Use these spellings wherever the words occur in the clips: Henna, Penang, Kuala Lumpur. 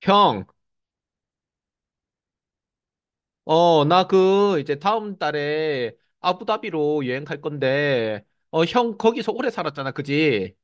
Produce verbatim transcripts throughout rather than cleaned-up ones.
형, 어, 나 그, 이제 다음 달에 아부다비로 여행 갈 건데, 어, 형 거기서 오래 살았잖아, 그지?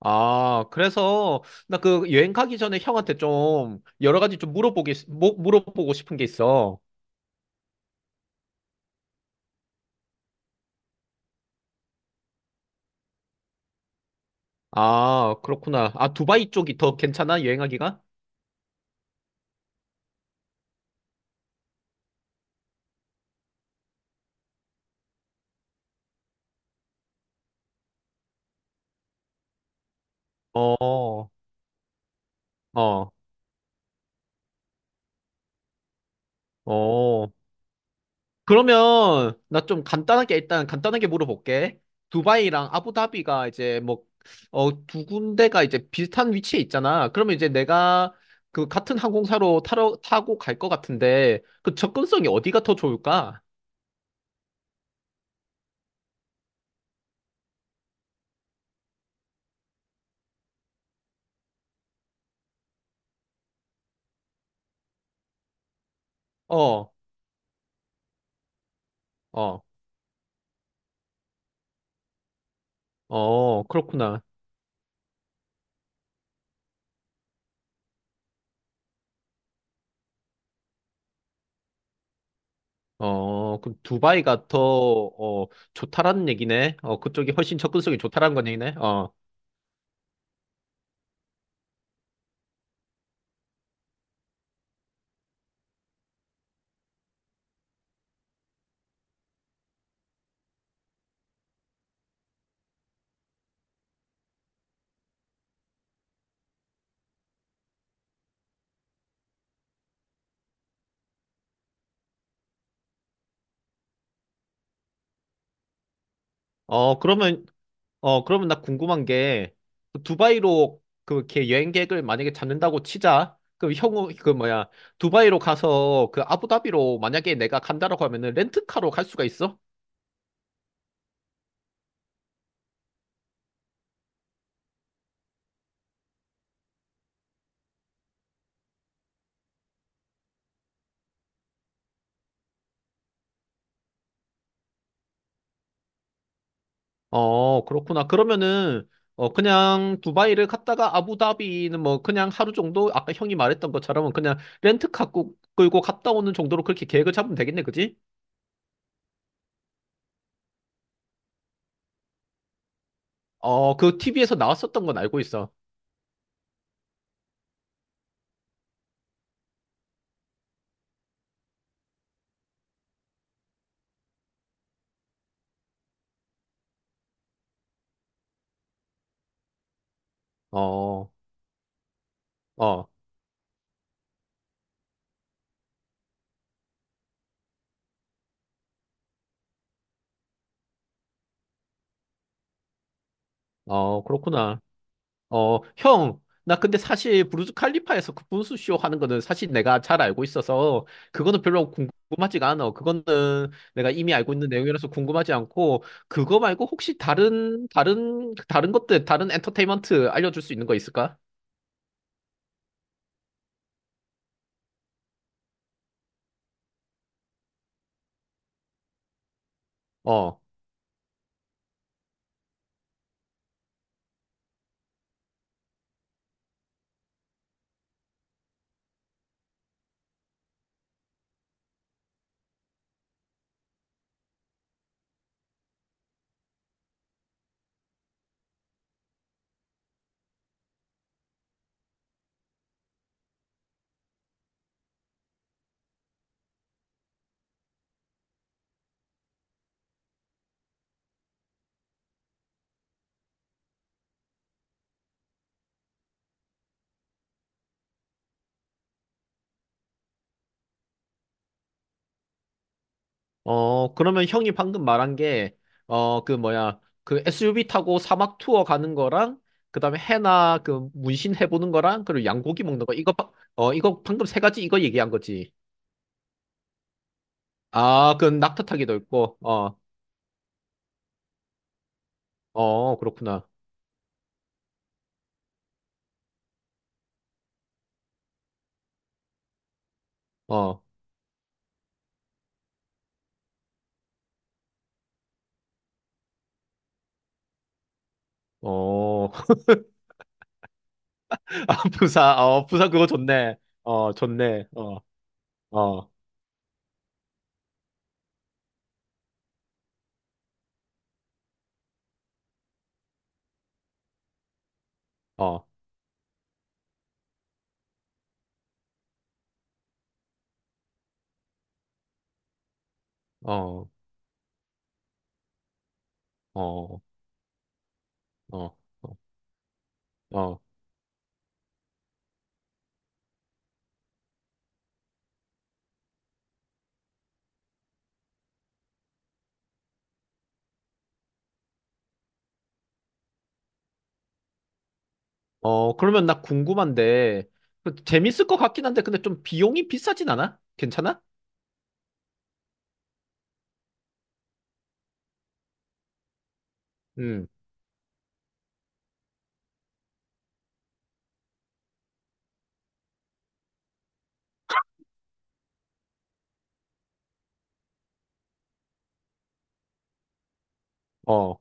아, 그래서 나 그 여행 가기 전에 형한테 좀 여러 가지 좀 물어보기, 뭐- 물어보고 싶은 게 있어. 아, 그렇구나. 아, 두바이 쪽이 더 괜찮아, 여행하기가? 어, 어, 어. 그러면 나 좀 간단하게 일단 간단하게 물어볼게. 두바이랑 아부다비가 이제 뭐, 어, 두 군데가 이제 비슷한 위치에 있잖아. 그러면 이제 내가 그 같은 항공사로 타러, 타고 갈 것 같은데 그 접근성이 어디가 더 좋을까? 어, 어, 어, 그렇구나. 어, 그럼 두바이가 더, 어, 좋다라는 얘기네. 어, 그쪽이 훨씬 접근성이 좋다라는 건 얘기네. 어, 어, 그러면 어, 그러면 나 궁금한 게, 그 두바이로 그걔 여행 계획을 만약에 잡는다고 치자. 그럼 형우, 그 뭐야, 두바이로 가서 그 아부다비로 만약에 내가 간다라고 하면은 렌트카로 갈 수가 있어? 어, 그렇구나. 그러면은, 어, 그냥 두바이를 갔다가 아부다비는 뭐 그냥 하루 정도? 아까 형이 말했던 것처럼 그냥 렌트카 꾸- 끌고 갔다 오는 정도로 그렇게 계획을 잡으면 되겠네, 그지? 어, 그 티비 나왔었던 건 알고 있어. 어, 어, 어, 그렇구나. 어, 형, 나 근데 사실 브루즈 칼리파에서 그 분수쇼 하는 거는 사실 내가 잘 알고 있어서 그거는 별로 궁금하지가 않아. 그거는 내가 이미 알고 있는 내용이라서 궁금하지 않고 그거 말고 혹시 다른 다른 다른 것들 다른 엔터테인먼트 알려줄 수 있는 거 있을까? 어, 어, 그러면 형이 방금 말한 게 어, 그 뭐야, 그 에스유브이 타고 사막 투어 가는 거랑 그다음에 해나 그 문신 해보는 거랑 그리고 양고기 먹는 거 이거 바- 어 이거 방금 세 가지 이거 얘기한 거지. 아, 그 낙타 타기도 있고, 어, 어, 그렇구나. 어, 어, 아, 부사, 어, 부사 그거 좋네. 어, 좋네. 어, 어, 어, 어, 어, 어, 어, 어, 어, 그러면 나 궁금한데, 그 재밌을 것 같긴 한데, 근데 좀 비용이 비싸진 않아? 괜찮아? 음, 어.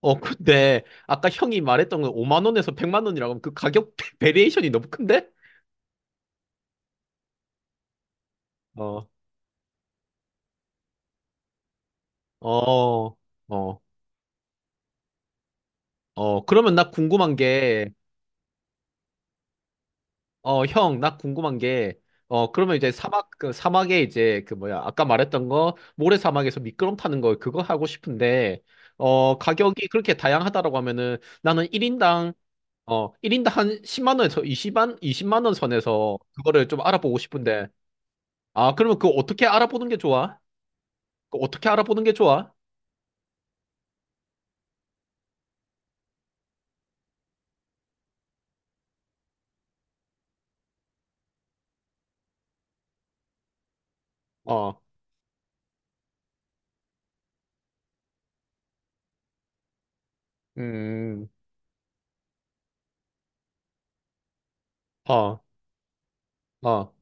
어, 근데, 아까 형이 말했던 건 오만 원에서 백만 원이라고 하면 그 가격 베리에이션이 너무 큰데? 어, 어, 어, 어. 그러면 나 궁금한 게, 어, 형, 나 궁금한 게, 어, 그러면 이제 사막, 그 사막에 이제 그 뭐야, 아까 말했던 거, 모래 사막에서 미끄럼 타는 거, 그거 하고 싶은데, 어, 가격이 그렇게 다양하다라고 하면은 나는 일인당, 어, 일인당 한 십만 원에서 20만, 이십만 원 선에서 그거를 좀 알아보고 싶은데, 아, 그러면 그거 어떻게 알아보는 게 좋아? 그거 어떻게 알아보는 게 좋아? 어, 음, 어, 어.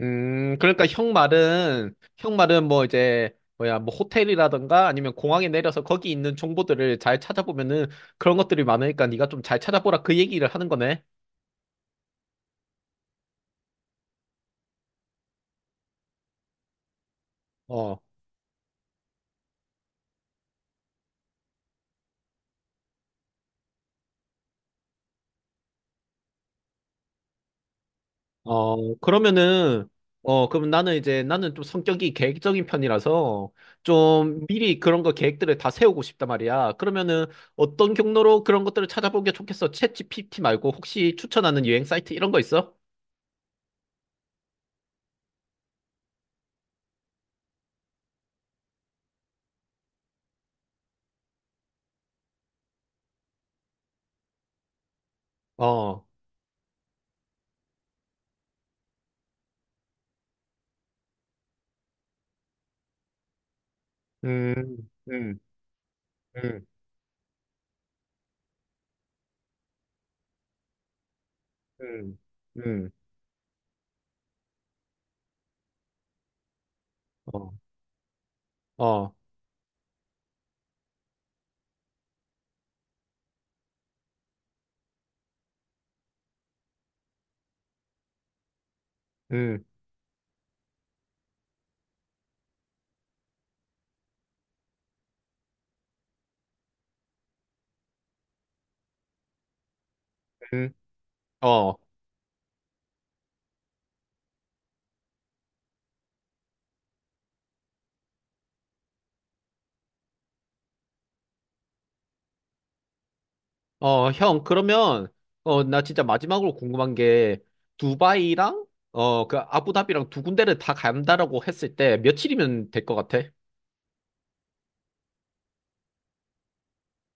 음, 그러니까 형 말은, 형 말은 뭐 이제, 뭐야, 뭐 호텔이라든가 아니면 공항에 내려서 거기 있는 정보들을 잘 찾아보면은 그런 것들이 많으니까 네가 좀 잘 찾아보라 그 얘기를 하는 거네. 어, 어, 그러면은, 어, 그럼 나는 이제 나는 좀 성격이 계획적인 편이라서 좀 미리 그런 거 계획들을 다 세우고 싶단 말이야. 그러면은 어떤 경로로 그런 것들을 찾아보는 게 좋겠어? 챗 지피티 말고 혹시 추천하는 여행 사이트 이런 거 있어? 어, 음, 음, 음. 음, 음, 어, 어, 음, 음, 어, 어, 형, 그러면, 어, 나 진짜 마지막으로 궁금한 게, 두바이랑, 어, 그, 아부다비랑 두 군데를 다 간다라고 했을 때, 며칠이면 될 것 같아?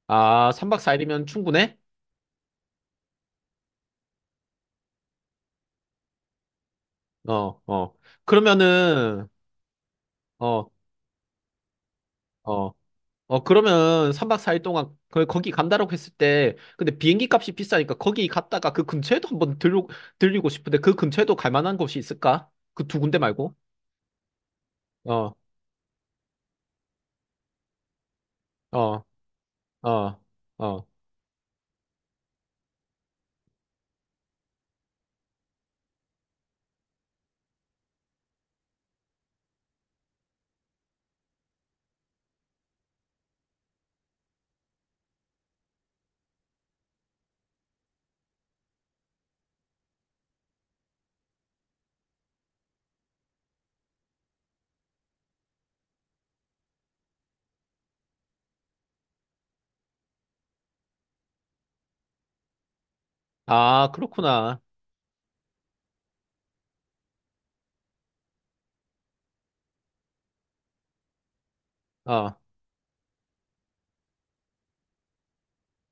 아, 삼 박 사 일이면 충분해? 어, 어. 그러면은, 어, 어, 어, 그러면 삼 박 사 일 동안, 그, 거기 간다라고 했을 때, 근데 비행기 값이 비싸니까 거기 갔다가 그 근처에도 한번 들르, 들리고 싶은데, 그 근처에도 갈 만한 곳이 있을까? 그 두 군데 말고? 어, 어, 어, 어. 아, 그렇구나. 어,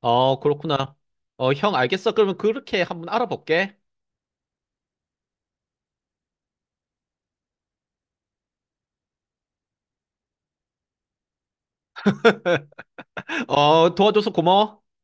어, 그렇구나. 어, 형, 알겠어. 그러면 그렇게 한번 알아볼게. 어, 도와줘서 고마워. 어.